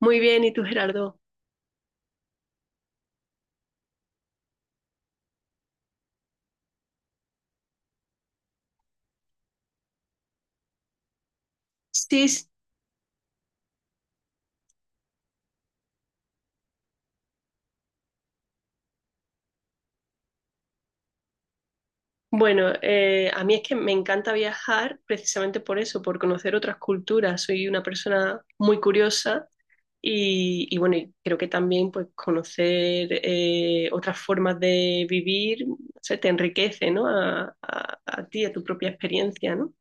Muy bien, ¿y tú, Gerardo? Sí, s- bueno, a mí es que me encanta viajar precisamente por eso, por conocer otras culturas. Soy una persona muy curiosa y bueno, y creo que también pues conocer otras formas de vivir, o sea, te enriquece, ¿no? A ti, a tu propia experiencia, ¿no?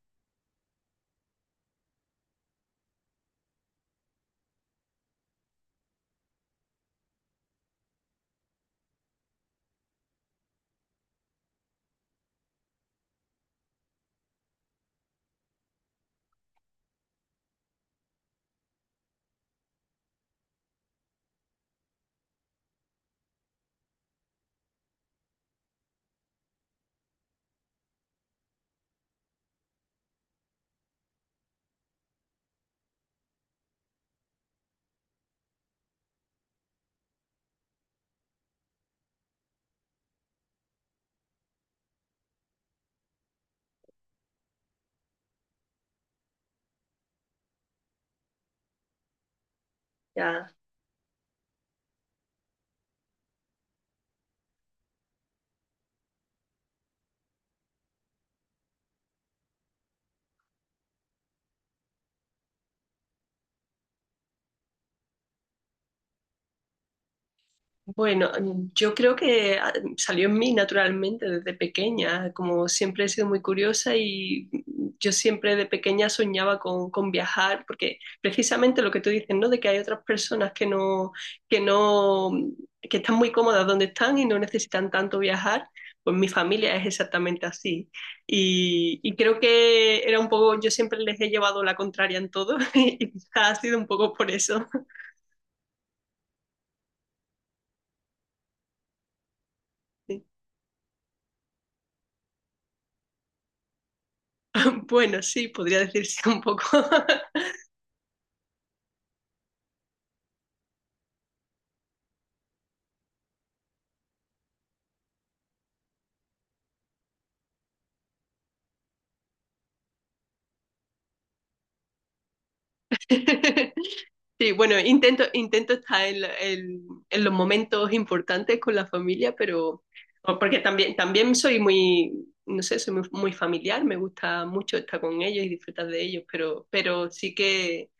Ya. Bueno, yo creo que salió en mí naturalmente desde pequeña, como siempre he sido muy curiosa y yo siempre de pequeña soñaba con viajar, porque precisamente lo que tú dices, ¿no? De que hay otras personas que no, que no, mm, que están muy cómodas donde están y no necesitan tanto viajar, pues mi familia es exactamente así. Y creo que era un poco, yo siempre les he llevado la contraria en todo y quizás ha sido un poco por eso. Sí. Bueno, sí, podría decirse un poco. Sí, bueno, intento estar en, en los momentos importantes con la familia, pero porque también soy muy, no sé, soy muy familiar, me gusta mucho estar con ellos y disfrutar de ellos, pero sí que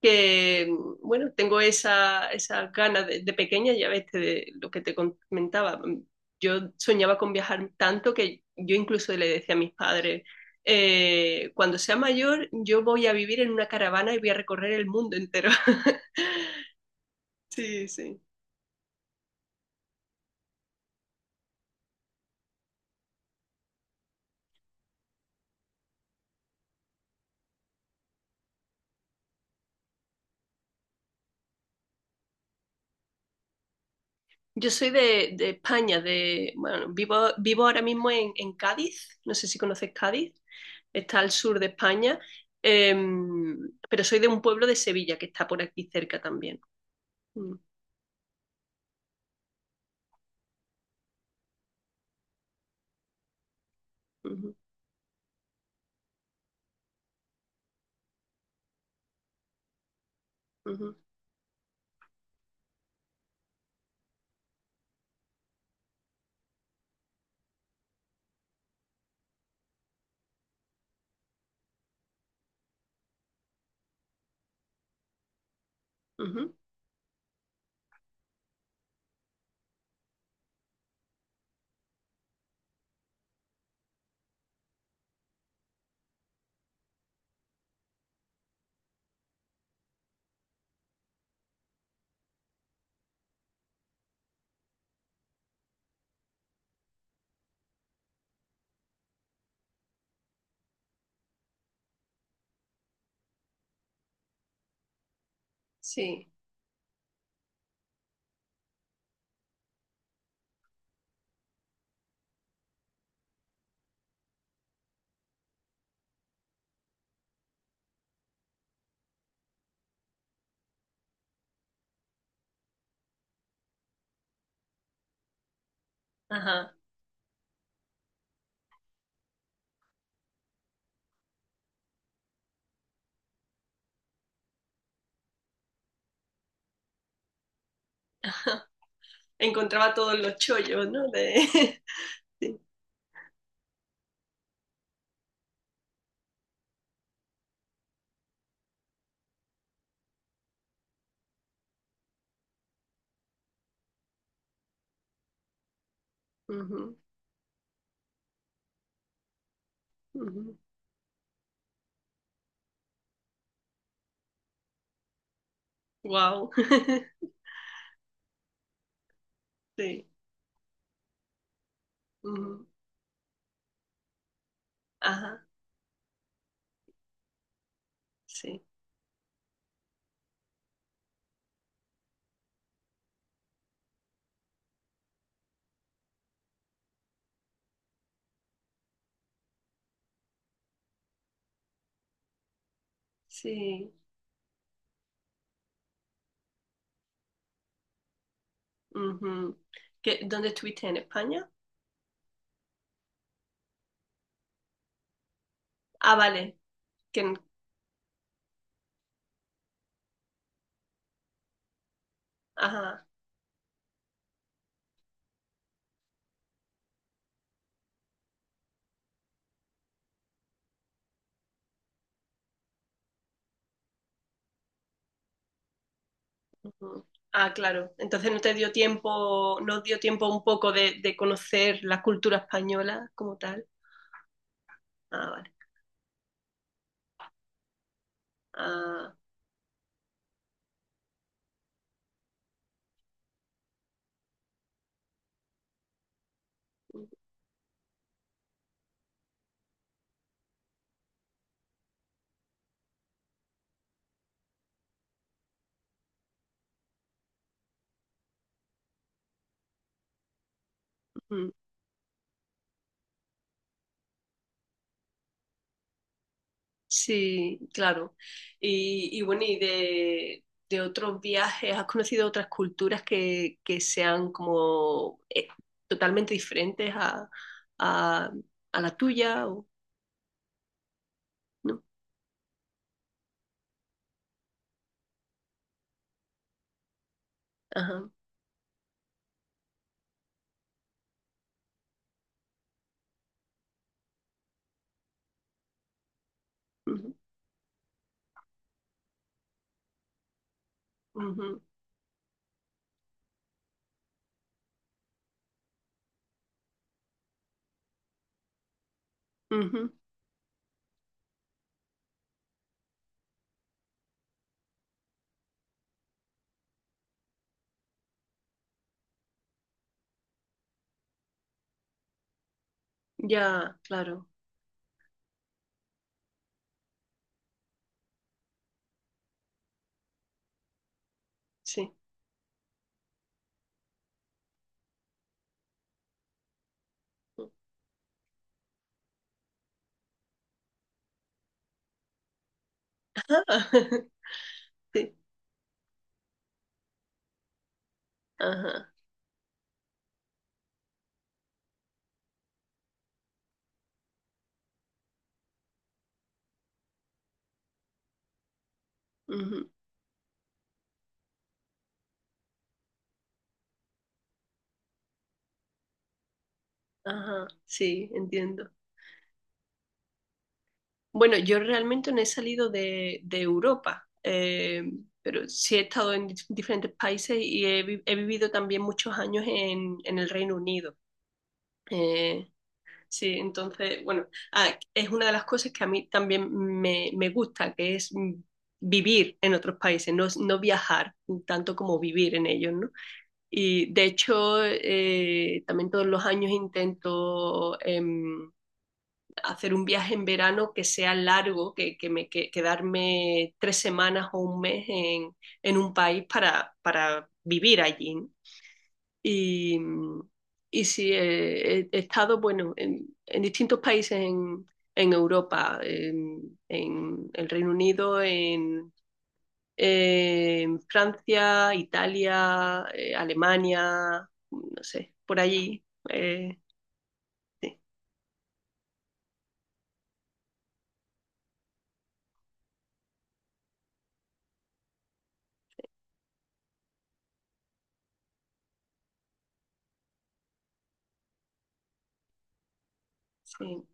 que, mm, bueno, tengo esa, esa gana de pequeña, ya ves, de lo que te comentaba. Yo soñaba con viajar tanto que yo incluso le decía a mis padres, cuando sea mayor, yo voy a vivir en una caravana y voy a recorrer el mundo entero. Sí, sí. Yo soy de España, de, bueno, vivo ahora mismo en Cádiz, no sé si conoces Cádiz, está al sur de España, em, pero soy de un pueblo de Sevilla que está por aquí cerca también. Mm. Ujú, ujú, ujú. Sí, ajá. Encontraba todos los chollos, ¿no? De… Sí. Wow. Sí. Ujú. Ajá. Sí. Sí. Ujú. ¿Qué- ¿Dónde estuviste? ¿En España? Ah, vale. Que en- Ajá. Ujú. Ah, claro. Entonces no te dio tiempo, no os dio tiempo un poco de conocer la cultura española como tal. Ah, vale. Ah, ujú. Sí, claro. Y bueno, y de otros viajes, ¿has conocido otras culturas que sean como totalmente diferentes a, a la tuya? O, ¿no? Ajá. Ujú, ujú, ujú. Ya, claro, sí. Sí, ajá, ujú, ajá, sí, entiendo. Bueno, yo realmente no he salido de Europa, pero sí he estado en diferentes países y he, he vivido también muchos años en el Reino Unido. Eh, sí, entonces, bueno, ah, es una de las cosas que a mí también me gusta, que es vivir en otros países, no, no viajar tanto como vivir en ellos, ¿no? Y de hecho, también todos los años intento… hacer un viaje en verano que sea largo, que me que, quedarme tres semanas o un mes en un país para vivir allí. ¿No? Y, y sí, he, he estado, bueno, en distintos países en Europa, en el Reino Unido, en Francia, Italia, Alemania, no sé, por allí. eh, sí, sí.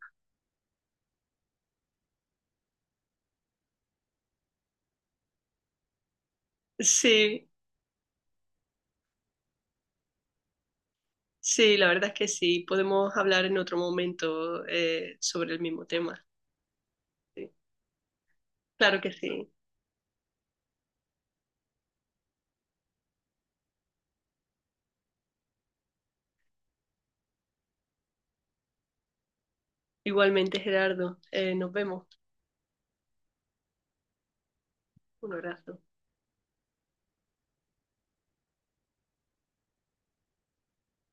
Sí, sí, la verdad es que sí. Podemos hablar en otro momento sobre el mismo tema. Sí. Claro que sí. Igualmente, Gerardo, nos vemos. Un abrazo.